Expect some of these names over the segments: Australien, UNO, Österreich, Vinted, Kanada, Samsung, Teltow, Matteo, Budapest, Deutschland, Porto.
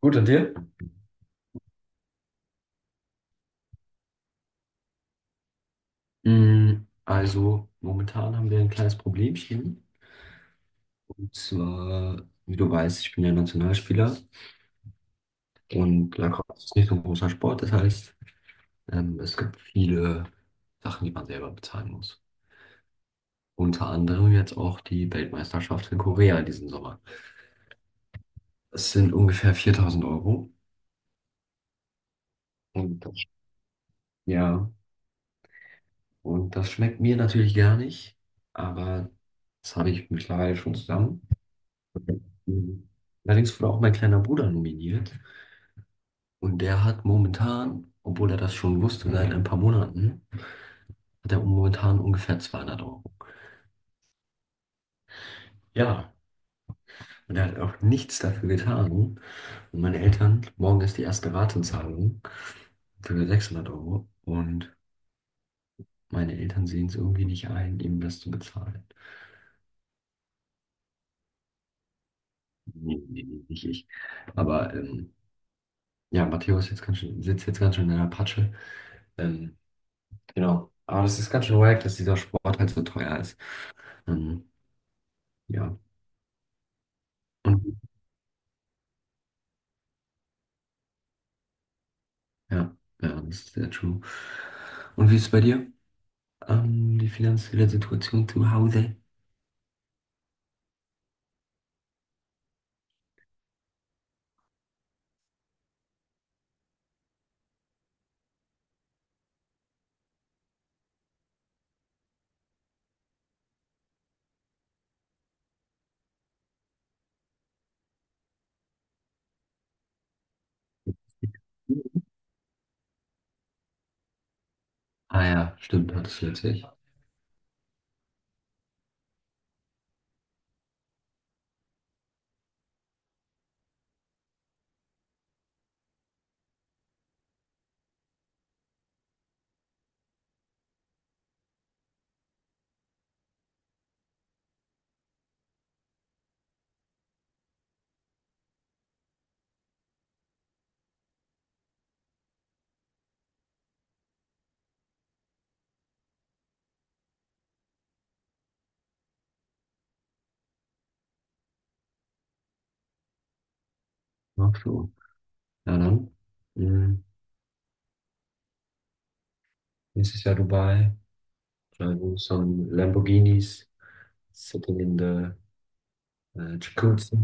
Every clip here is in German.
Gut, und dir? Also, momentan haben wir ein kleines Problemchen. Und zwar, wie du weißt, ich bin ja Nationalspieler und Lacrosse ist nicht so ein großer Sport. Das heißt, es gibt viele Sachen, die man selber bezahlen muss. Unter anderem jetzt auch die Weltmeisterschaft in Korea diesen Sommer. Es sind ungefähr 4000 Euro. Und das, ja, und das schmeckt mir natürlich gar nicht, aber das habe ich mittlerweile schon zusammen. Mhm. Allerdings wurde auch mein kleiner Bruder nominiert. Und der hat momentan, obwohl er das schon wusste seit ein paar Monaten, hat er momentan ungefähr 200 Euro. Ja. Und er hat auch nichts dafür getan. Und meine Eltern, morgen ist die erste Ratenzahlung für 600 Euro. Und meine Eltern sehen es irgendwie nicht ein, ihm das zu bezahlen. Nee, nee, nee, nicht ich. Aber ja, Matteo ist jetzt ganz schön, sitzt jetzt ganz schön in der Patsche. Ähm, genau. Aber das ist ganz schön wack, dass dieser Sport halt so teuer ist. Ähm, ja. Und ja, ja, das ist sehr true. Und wie ist es bei dir? Die finanzielle Situation zu Hause? Ah ja, stimmt, hattest du letztlich. Ach so. Ja, dann. Mhm. Nächstes Jahr Dubai. Driving some Lamborghinis. Sitting in the jacuzzi.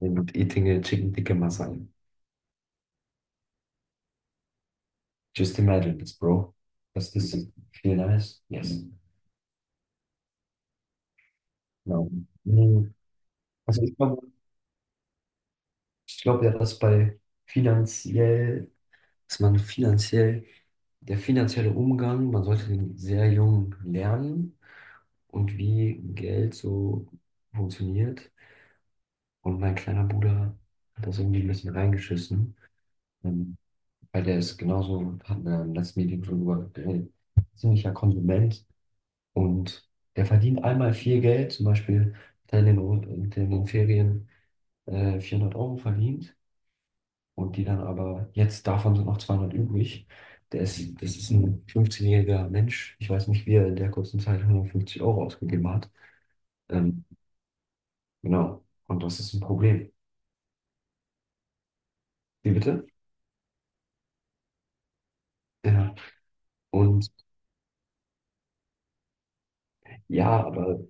And eating a chicken tikka masala. Just imagine this, bro. Does this feel nice? Yes. No. Mhm. Also ich glaube, ich glaub ja, dass bei finanziell, dass man finanziell, der finanzielle Umgang, man sollte den sehr jung lernen und wie Geld so funktioniert. Und mein kleiner Bruder hat das irgendwie ein bisschen reingeschissen, ähm, weil der ist genauso, hatten wir im letzten Meeting schon drüber geredet, ziemlicher Konsument, und der verdient einmal viel Geld, zum Beispiel hat er in den, Ferien 400 Euro verdient. Und die dann aber, jetzt davon sind noch 200 übrig. Der ist, das ist ein 15-jähriger Mensch. Ich weiß nicht, wie er in der kurzen Zeit 150 Euro ausgegeben hat. Ähm, genau. Und das ist ein Problem. Wie bitte? Ja. Und ja, aber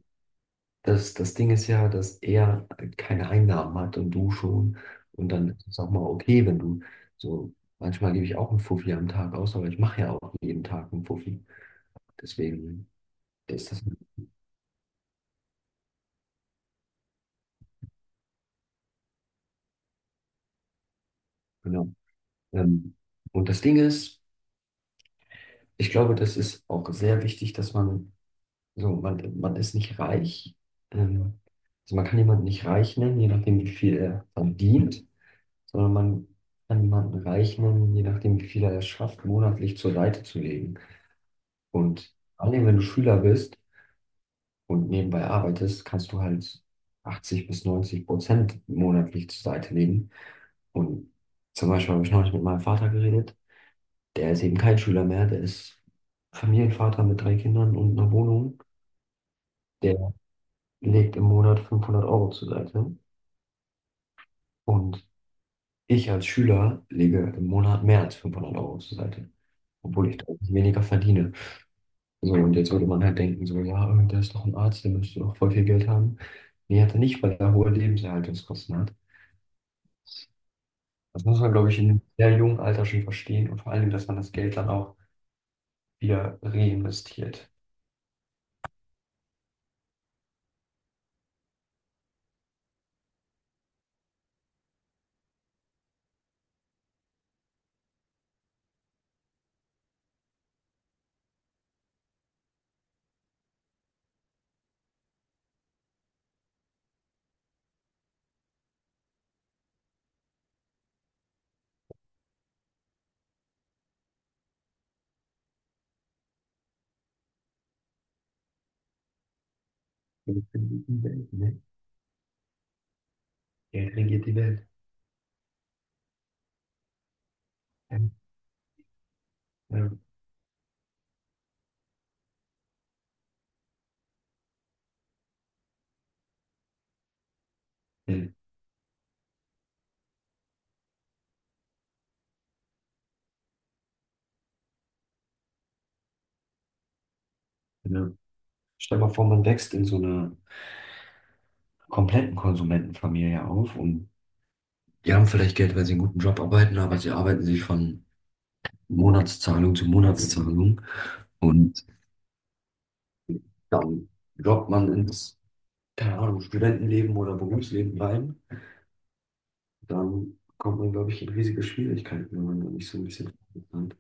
das Ding ist ja, dass er keine Einnahmen hat und du schon. Und dann ist es auch mal okay, wenn du so, manchmal gebe ich auch einen Fuffi am Tag aus, aber ich mache ja auch jeden Tag einen Fuffi. Deswegen ist das, genau. Ähm, und das Ding ist, ich glaube, das ist auch sehr wichtig, dass man so, man ist nicht reich. Ähm, also man kann jemanden nicht reich nennen, je nachdem, wie viel er verdient, sondern man kann jemanden reich nennen, je nachdem, wie viel er es schafft, monatlich zur Seite zu legen. Und vor allem, wenn du Schüler bist und nebenbei arbeitest, kannst du halt 80 bis 90% monatlich zur Seite legen. Und zum Beispiel habe ich neulich mit meinem Vater geredet. Der ist eben kein Schüler mehr, der ist Familienvater mit drei Kindern und einer Wohnung. Der legt im Monat 500 Euro zur Seite. Und ich als Schüler lege im Monat mehr als 500 Euro zur Seite, obwohl ich deutlich weniger verdiene. So, und jetzt würde man halt denken, so, ja, der ist doch ein Arzt, der müsste doch voll viel Geld haben. Nee, hat er nicht, weil er hohe Lebenserhaltungskosten hat. Das muss man, glaube ich, in einem sehr jungen Alter schon verstehen und vor allen Dingen, dass man das Geld dann auch wieder reinvestiert. Geld regiert die Welt, ne? Geld regiert die Welt. Ja. Ja. Ja. Ja. Stell mal vor, man wächst in so einer kompletten Konsumentenfamilie auf und die haben vielleicht Geld, weil sie einen guten Job arbeiten, aber sie arbeiten sich von Monatszahlung zu Monatszahlung, und dann droppt man ins, keine Ahnung, Studentenleben oder Berufsleben rein. Dann kommt man, glaube ich, in riesige Schwierigkeiten, wenn man da nicht so ein bisschen plant.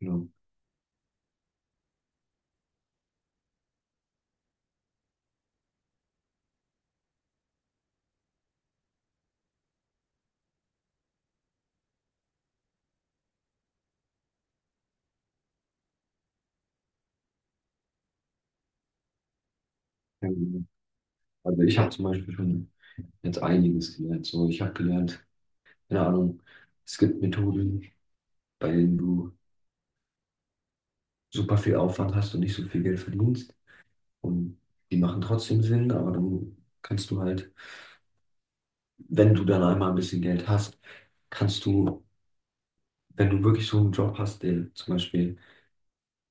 Genau. Ja, genau. Also ich habe zum Beispiel schon jetzt einiges gelernt. So, ich habe gelernt, keine Ahnung, es gibt Methoden, bei denen du super viel Aufwand hast und nicht so viel Geld verdienst. Und die machen trotzdem Sinn, aber dann kannst du halt, wenn du dann einmal ein bisschen Geld hast, kannst du, wenn du wirklich so einen Job hast, der zum Beispiel,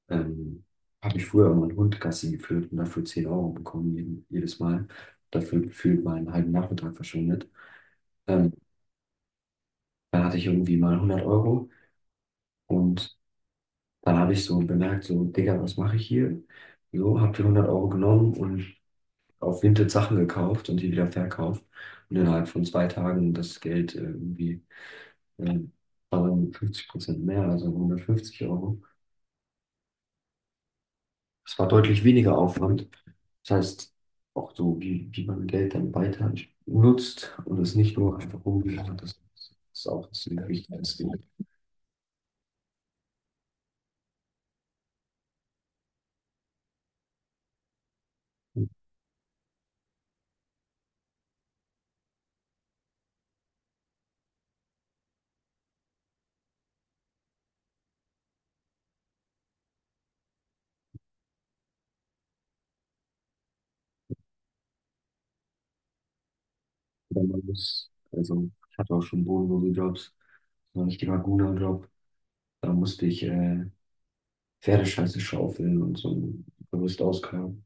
ähm, habe ich früher immer einen Hund Gassi geführt und dafür 10 Euro bekommen, jeden, jedes Mal. Dafür gefühlt mal einen halben Nachmittag verschwendet. Ähm, dann hatte ich irgendwie mal 100 Euro und dann habe ich so bemerkt, so, Digga, was mache ich hier? So, habe die 100 Euro genommen und auf Vinted Sachen gekauft und die wieder verkauft und innerhalb von 2 Tagen das Geld irgendwie äh, war dann 50% mehr, also 150 Euro. Das war deutlich weniger Aufwand. Das heißt, auch so, wie man Geld dann weiter nutzt und es nicht nur einfach rumliegt, das ist auch ziemlich wichtig. Das Ding. Oder man muss, also ich hatte auch schon bodenlose Jobs, so einen richtiger Guna-Job, da musste ich Pferdescheiße schaufeln und so ein Gerüst ausgraben.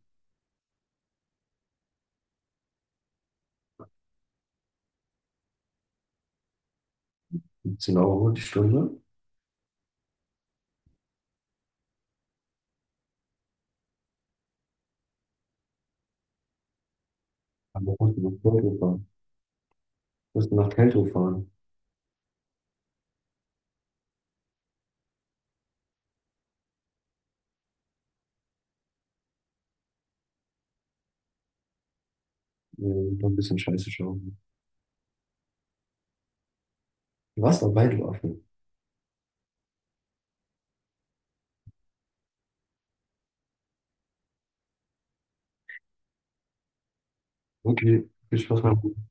15 Euro die Stunde, aber musst du nach Porto fahren. Musst du nach Teltow fahren. Noch ein bisschen Scheiße schauen. Du warst dabei, du Affe. Okay, viel Spaß beim